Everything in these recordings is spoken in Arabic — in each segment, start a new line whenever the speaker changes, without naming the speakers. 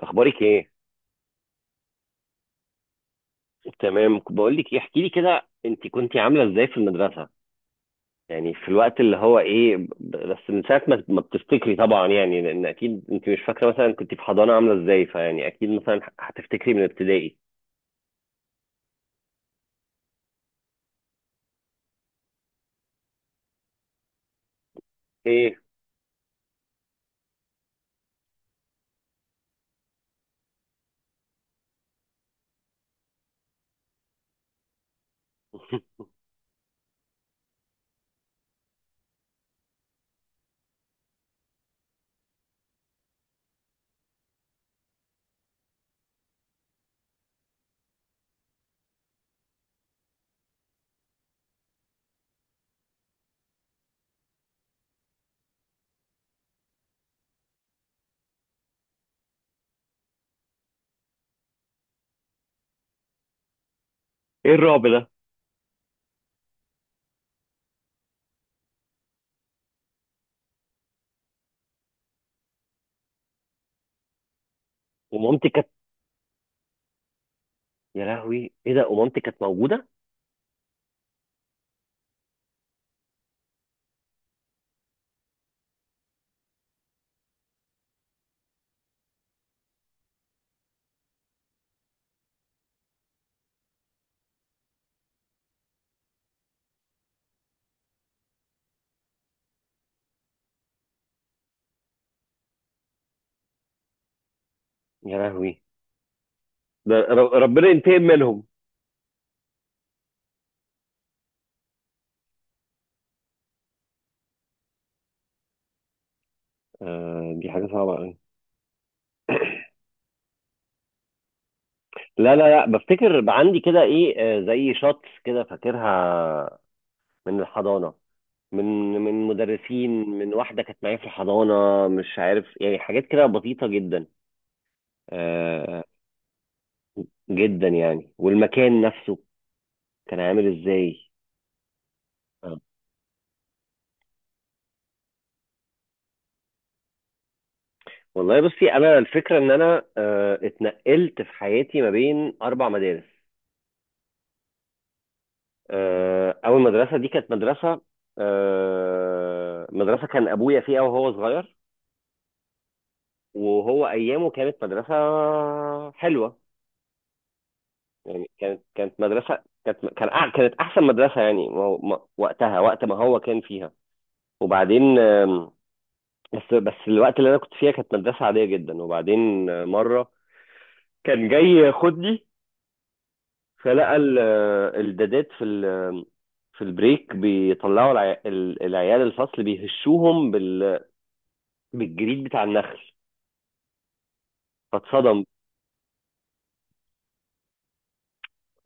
اخبارك ايه؟ تمام، بقول لك ايه، احكي لي كده، انت كنت عامله ازاي في المدرسه؟ يعني في الوقت اللي هو ايه، بس من ساعه، ما بتفتكري، طبعا يعني، لان اكيد انت مش فاكره مثلا كنت في حضانه عامله ازاي، فيعني اكيد مثلا هتفتكري من ابتدائي. ايه؟ ايه الرعب ده؟ ومامتي كانت. يا لهوي، ايه ده؟ ومامتي كانت موجوده؟ يا لهوي، ده ربنا ينتقم منهم. آه، دي حاجه صعبه قوي. لا، لا، لا، بفتكر بقى عندي كده ايه، زي شوتس كده فاكرها من الحضانة، من مدرسين، من واحدة كانت معايا في الحضانة، مش عارف يعني، حاجات كده بسيطة جدا. آه، جدا يعني، والمكان نفسه كان عامل ازاي؟ آه. والله بصي، انا الفكرة ان انا اتنقلت في حياتي ما بين اربع مدارس. آه، اول مدرسة دي كانت مدرسة، آه، مدرسة كان ابويا فيها وهو صغير، وهو ايامه كانت مدرسة حلوة. يعني كانت مدرسة، كانت أحسن مدرسة، يعني ما هو- ما- وقتها، وقت ما هو كان فيها. وبعدين، بس الوقت اللي أنا كنت فيها كانت مدرسة عادية جدا. وبعدين مرة كان جاي ياخدني، فلقى الدادات في في البريك بيطلعوا العيال الفصل، بيهشوهم بالجريد بتاع النخل. فاتصدم،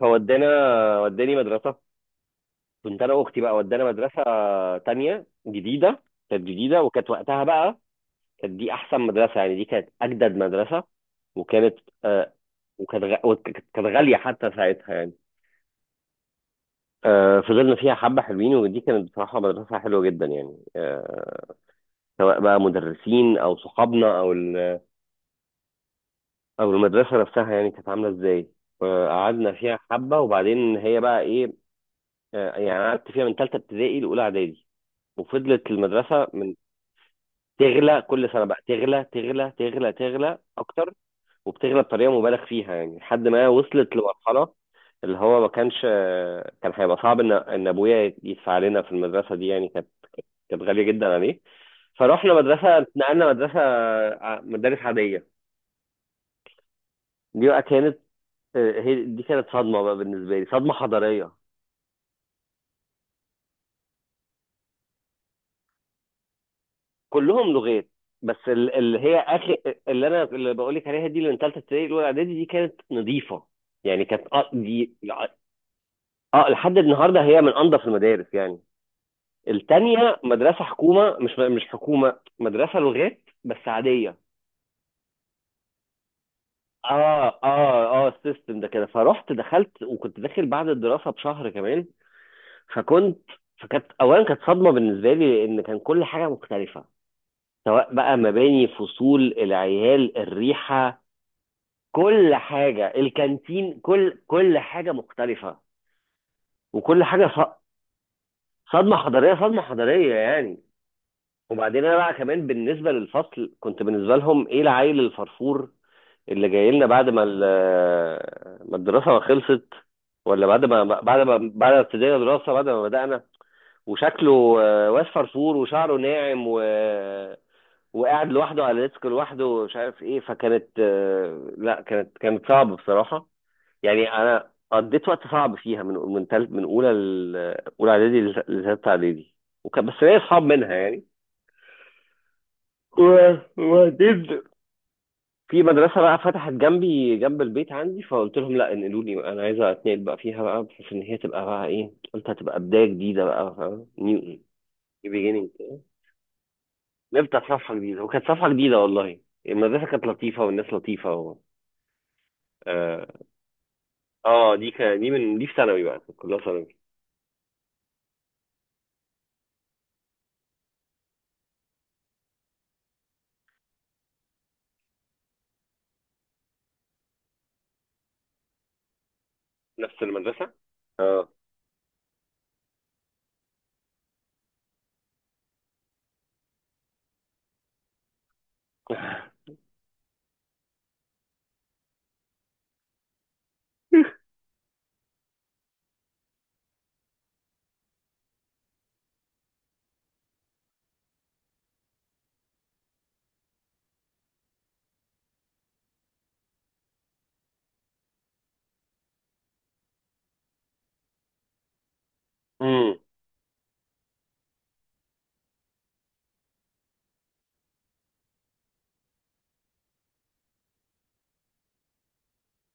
فودانا، وداني مدرسة. كنت أنا وأختي بقى، ودانا مدرسة تانية جديدة. كانت جديدة، وكانت وقتها بقى كانت دي احسن مدرسه، يعني دي كانت اجدد مدرسه، وكانت آه غاليه حتى ساعتها يعني. آه، فضلنا فيها حبة حلوين، ودي كانت بصراحة مدرسة حلوة جدا يعني. آه، سواء بقى مدرسين أو صحابنا أو أو المدرسة نفسها، يعني كانت عاملة إزاي. آه، قعدنا فيها حبة، وبعدين هي بقى إيه. آه، يعني قعدت فيها من تالتة ابتدائي لأولى إعدادي. وفضلت المدرسة من، تغلى كل سنة بقى، تغلى تغلى تغلى تغلى أكتر، وبتغلى بطريقه مبالغ فيها يعني، لحد ما وصلت لمرحله، اللي هو ما كانش كان هيبقى صعب ان ابويا يدفع لنا في المدرسه دي. يعني كانت غاليه جدا عليه. فروحنا مدرسه، اتنقلنا مدرسه، مدارس عاديه. دي بقى كانت آه، هي دي كانت صدمه بقى بالنسبه لي، صدمه حضاريه. كلهم لغات، بس اللي هي اخر، اللي انا اللي بقول لك عليها دي، اللي من ثالثه ابتدائي الاولى اعدادي، دي كانت نظيفه. يعني كانت دي، آه، لحد النهارده هي من انضف المدارس يعني. التانية مدرسة حكومة، مش حكومة، مدرسة لغات بس عادية. اه، اه، اه، السيستم ده كده. فرحت دخلت، وكنت داخل بعد الدراسة بشهر كمان. فكنت فكانت اولا، كانت صدمة بالنسبة لي، لان كان كل حاجة مختلفة، سواء بقى مباني، فصول، العيال، الريحة، كل حاجة، الكانتين، كل حاجة مختلفة، وكل حاجة صدمة حضارية، صدمة حضارية يعني. وبعدين انا بقى كمان بالنسبه للفصل، كنت بالنسبه لهم ايه، العيل الفرفور اللي جاي لنا بعد ما الدراسه ما خلصت، ولا بعد ما ابتدينا دراسه، بعد ما بدانا، وشكله واد فرفور، وشعره ناعم، وقاعد لوحده على ديسك لوحده، ومش عارف ايه. فكانت لا، كانت صعبه بصراحه. يعني انا قضيت وقت صعب فيها، من تالت، من اولى اعدادي لثالثه اعدادي. وكان بس ليا اصحاب منها يعني. وبعدين في مدرسة بقى فتحت جنبي، جنب البيت عندي، فقلت لهم لا، انقلوني بقى، انا عايزة اتنقل بقى فيها بقى، بحيث ان هي تبقى بقى ايه، قلت هتبقى بداية جديدة بقى، فاهم، نيو بيجينينج، نبدأ صفحة جديدة. وكانت صفحة جديدة والله، المدرسة كانت لطيفة، والناس لطيفة، و. اه، آه، دي ك... دي من دي في ثانوي بقى، كانت كلها ثانوي. نفس المدرسة. اه. امم،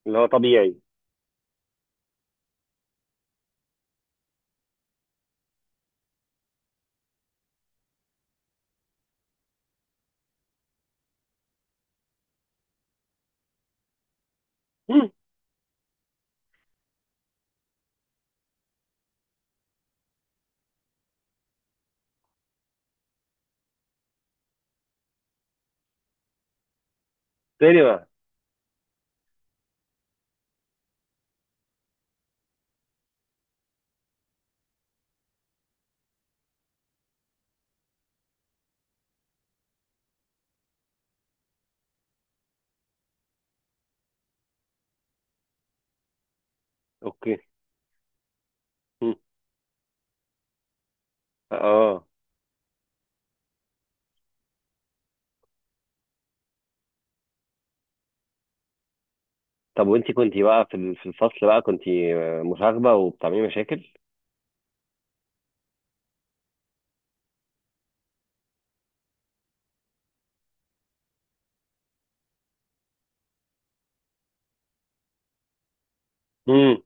اللي هو طبيعي. مم. تاني بقى. اوكي. مم. اه. طب، وانتي كنتي بقى في في الفصل بقى، كنتي مشاغبة وبتعملي مشاكل؟ امم.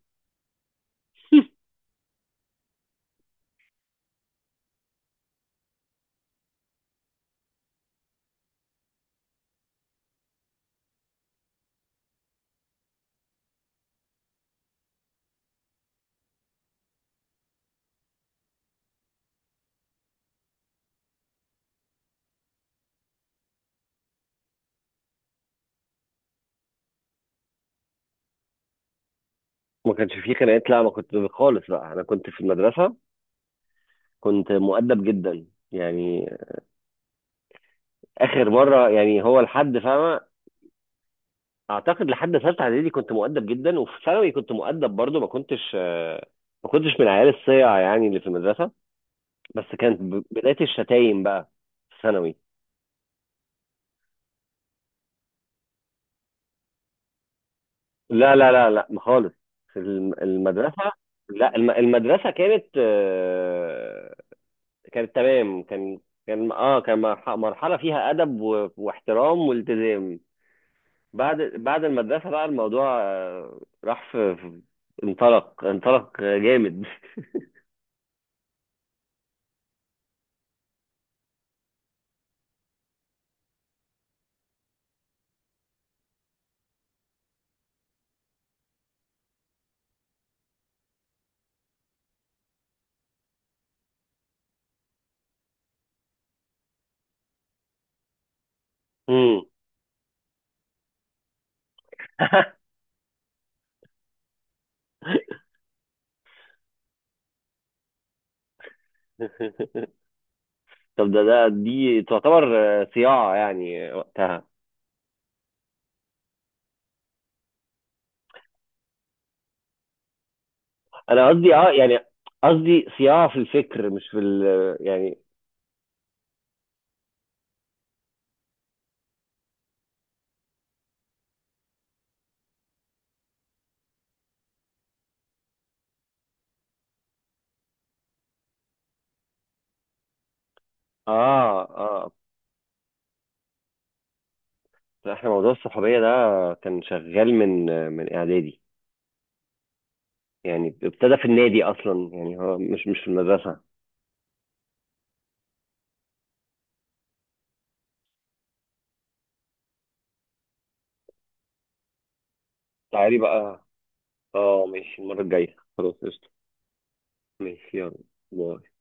ما كانش فيه خناقات، لا ما كنت خالص بقى، انا كنت في المدرسه كنت مؤدب جدا يعني. اخر مره يعني هو لحد فاهمه، اعتقد لحد ثالثه اعدادي كنت مؤدب جدا، وفي ثانوي كنت مؤدب برضو، ما كنتش من العيال الصيع، يعني اللي في المدرسه. بس كانت بدايه الشتايم بقى في ثانوي. لا، لا، لا، لا، خالص، في المدرسه، لا المدرسه كانت آه، كانت تمام. كان كان مرحله فيها ادب واحترام والتزام. بعد المدرسه بقى الموضوع، راح في انطلق، انطلق جامد. مم. طب ده، دي تعتبر صياعه يعني وقتها؟ انا قصدي اه يعني، قصدي صياعه في الفكر مش في ال، يعني. اه، اه، احنا موضوع الصحوبيه ده كان شغال من، اعدادي، يعني ابتدى في النادي اصلا، يعني هو مش في المدرسه. تعالي بقى. اه ماشي، المره الجايه خلاص، قشطه. ماشي يلا. باي.